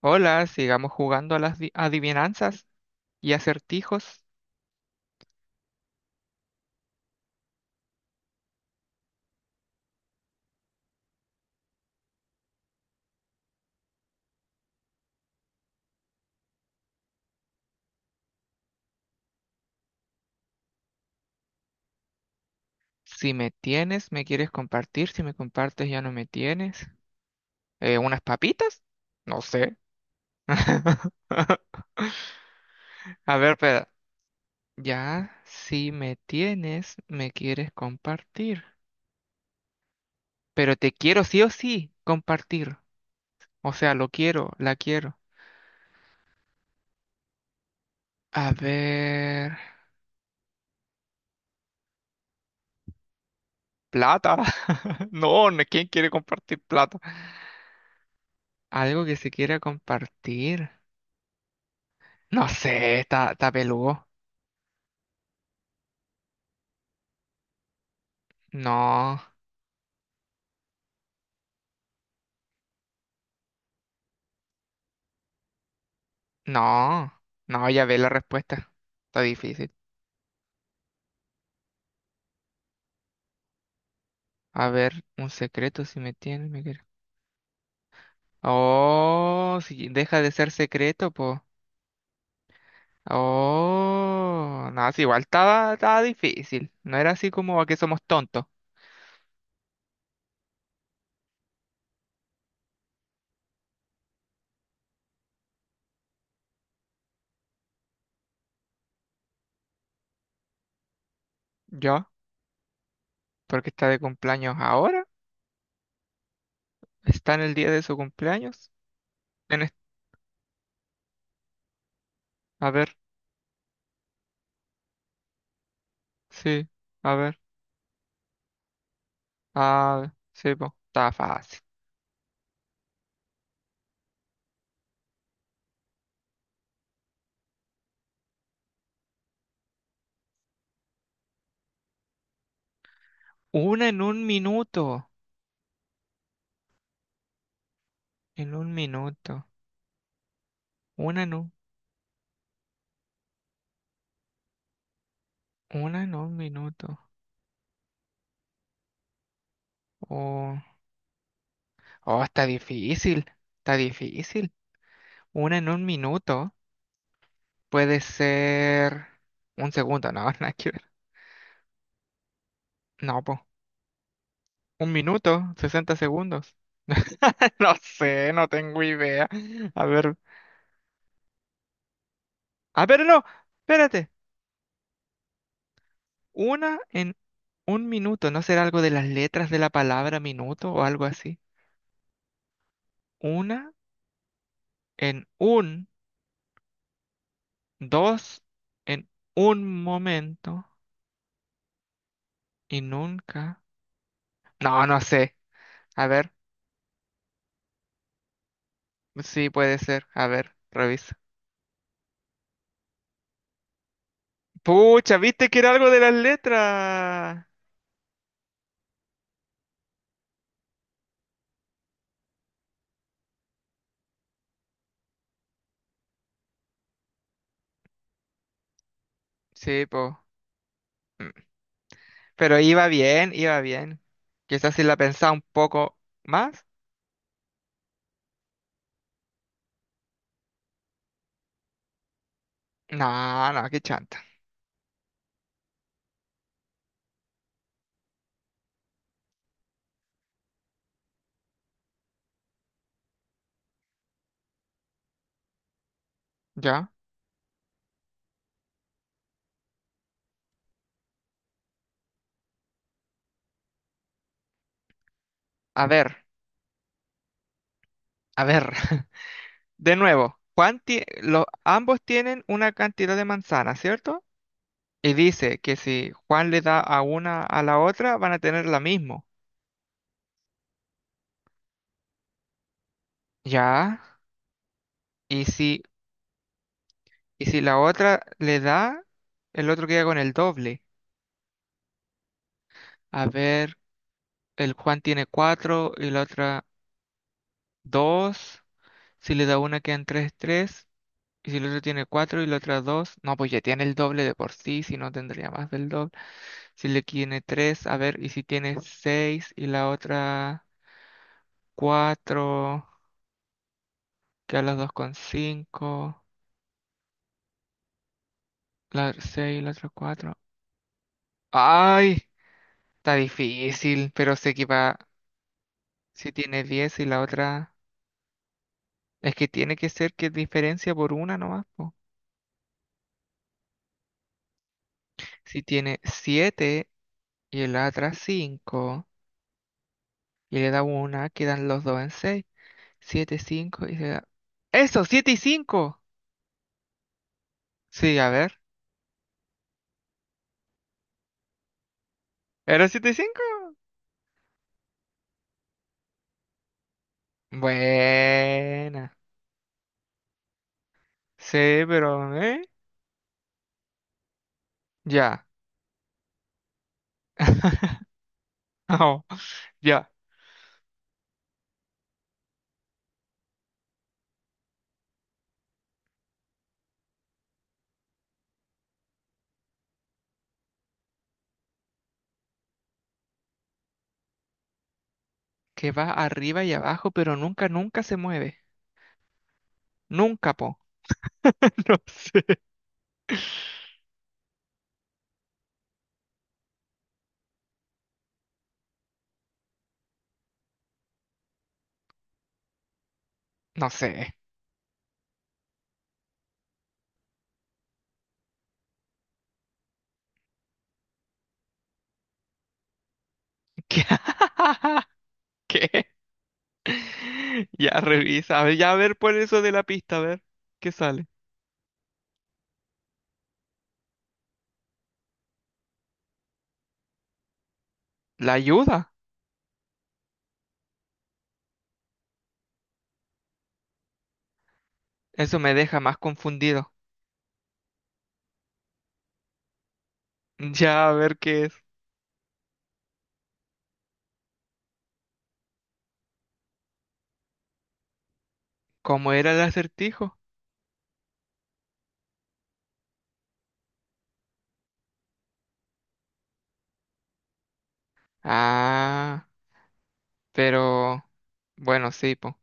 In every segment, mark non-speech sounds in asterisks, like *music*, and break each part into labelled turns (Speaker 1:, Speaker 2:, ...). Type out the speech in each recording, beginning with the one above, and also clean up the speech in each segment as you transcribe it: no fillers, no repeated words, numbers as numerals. Speaker 1: Hola, sigamos jugando a las adivinanzas y acertijos. Si me tienes, me quieres compartir. Si me compartes, ya no me tienes. ¿Unas papitas? No sé. *laughs* A ver, pero ya, si me tienes, me quieres compartir. Pero te quiero sí o sí compartir. O sea, lo quiero, la quiero. A ver, plata. *laughs* No, no, ¿quién quiere compartir plata? Algo que se quiera compartir. No sé, está peludo. No, no, no, ya ve la respuesta. Está difícil. A ver, un secreto si me tiene, me quiere. Oh, si deja de ser secreto, po. Oh, no, si igual estaba difícil. No era así como a que somos tontos. Yo, porque está de cumpleaños ahora. Está en el día de su cumpleaños. En es- a ver, sí, a ver. Ah, sí, po. Está fácil. Una en un minuto. En un minuto. Una no. Una en un minuto. Oh, oh, está difícil. Está difícil. Una en un minuto puede ser un segundo. No, *laughs* nada que ver. No, po. Un minuto, 60 segundos. *laughs* No sé, no tengo idea. A ver. A ver, no. Espérate. Una en un minuto. ¿No será algo de las letras de la palabra minuto o algo así? Una en un, dos en un momento. Y nunca. No, no sé. A ver. Sí, puede ser. A ver, revisa. Pucha, viste que era algo de las letras. Sí, po. Pero iba bien, iba bien. Quizás si la pensaba un poco más. No, no, qué chanta. Ya. A ver, a ver. *laughs* De nuevo, ambos tienen una cantidad de manzanas, ¿cierto? Y dice que si Juan le da a una a la otra, van a tener la misma. Ya. Y si Y si la otra le da, el otro queda con el doble. A ver, el Juan tiene 4 y la otra dos. Si le da una, quedan tres, tres. Y si el otro tiene 4 y la otra dos, no, pues ya tiene el doble de por sí, si no tendría más del doble. Si le tiene tres, a ver, y si tiene 6 y la otra cuatro, quedan las dos con cinco. La 6 y la otra cuatro. ¡Ay! Está difícil, pero sé que va. Si tiene 10 y la otra. Es que tiene que ser que diferencia por una nomás, po. Si tiene 7 y el otra cinco y le da una, quedan los dos en seis. Siete, cinco y se da... ¡Eso! Siete y cinco. Sí, a ver. ¿Era 7 y cinco? Buena. Sí, pero... ¿eh? Ya. *laughs* No, ya. Que va arriba y abajo, pero nunca, nunca se mueve. Nunca, po. *laughs* No sé. No sé. *laughs* ¿Qué? ¿Qué? Ya revisa, a ver, ya a ver por eso de la pista, a ver qué sale. ¿La ayuda? Eso me deja más confundido. *laughs* Ya a ver qué es. ¿Cómo era el acertijo? Ah, pero bueno, sí, po.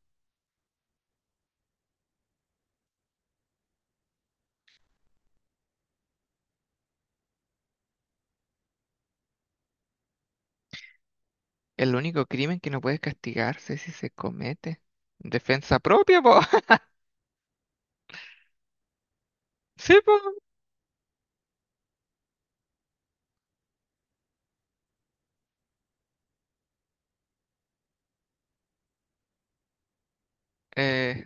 Speaker 1: El único crimen que no puede castigarse es si se comete. Defensa propia, po. *laughs* Sí, po. Eh,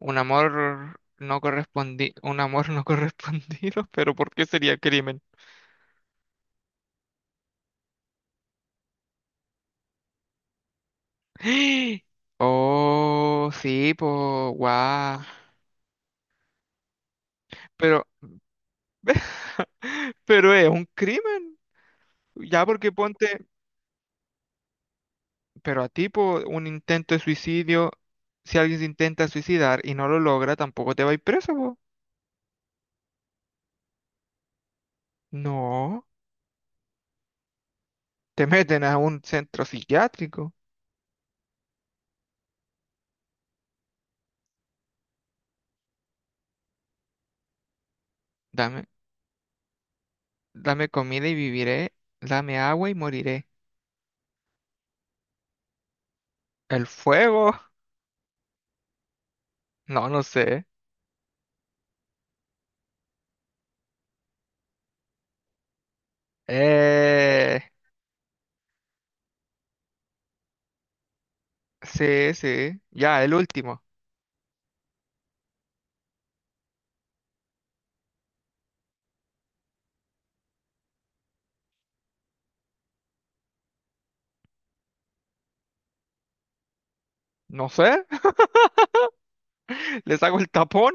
Speaker 1: un amor no correspondi, un amor no correspondido, *laughs* pero ¿por qué sería crimen? *gasps* Oh, sí, po. Guau. Pero, pero es un crimen. Ya porque ponte, pero a tipo un intento de suicidio, si alguien se intenta suicidar y no lo logra, tampoco te va a ir preso, po. No, te meten a un centro psiquiátrico. Dame, dame comida y viviré, dame agua y moriré. ¿El fuego? *laughs* No, no sé. Eh, sí, sí, ya, el último. No sé, *laughs* les hago el tapón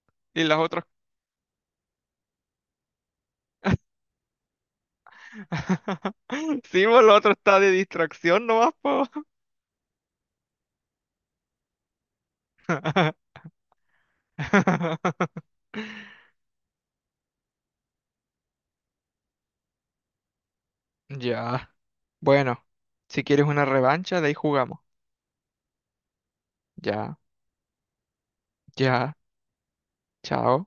Speaker 1: *laughs* y las otras. *laughs* Sí, pues lo otro está de distracción nomás, po. *laughs* Ya. Bueno, si quieres una revancha, de ahí jugamos. Ya, ya. Chao.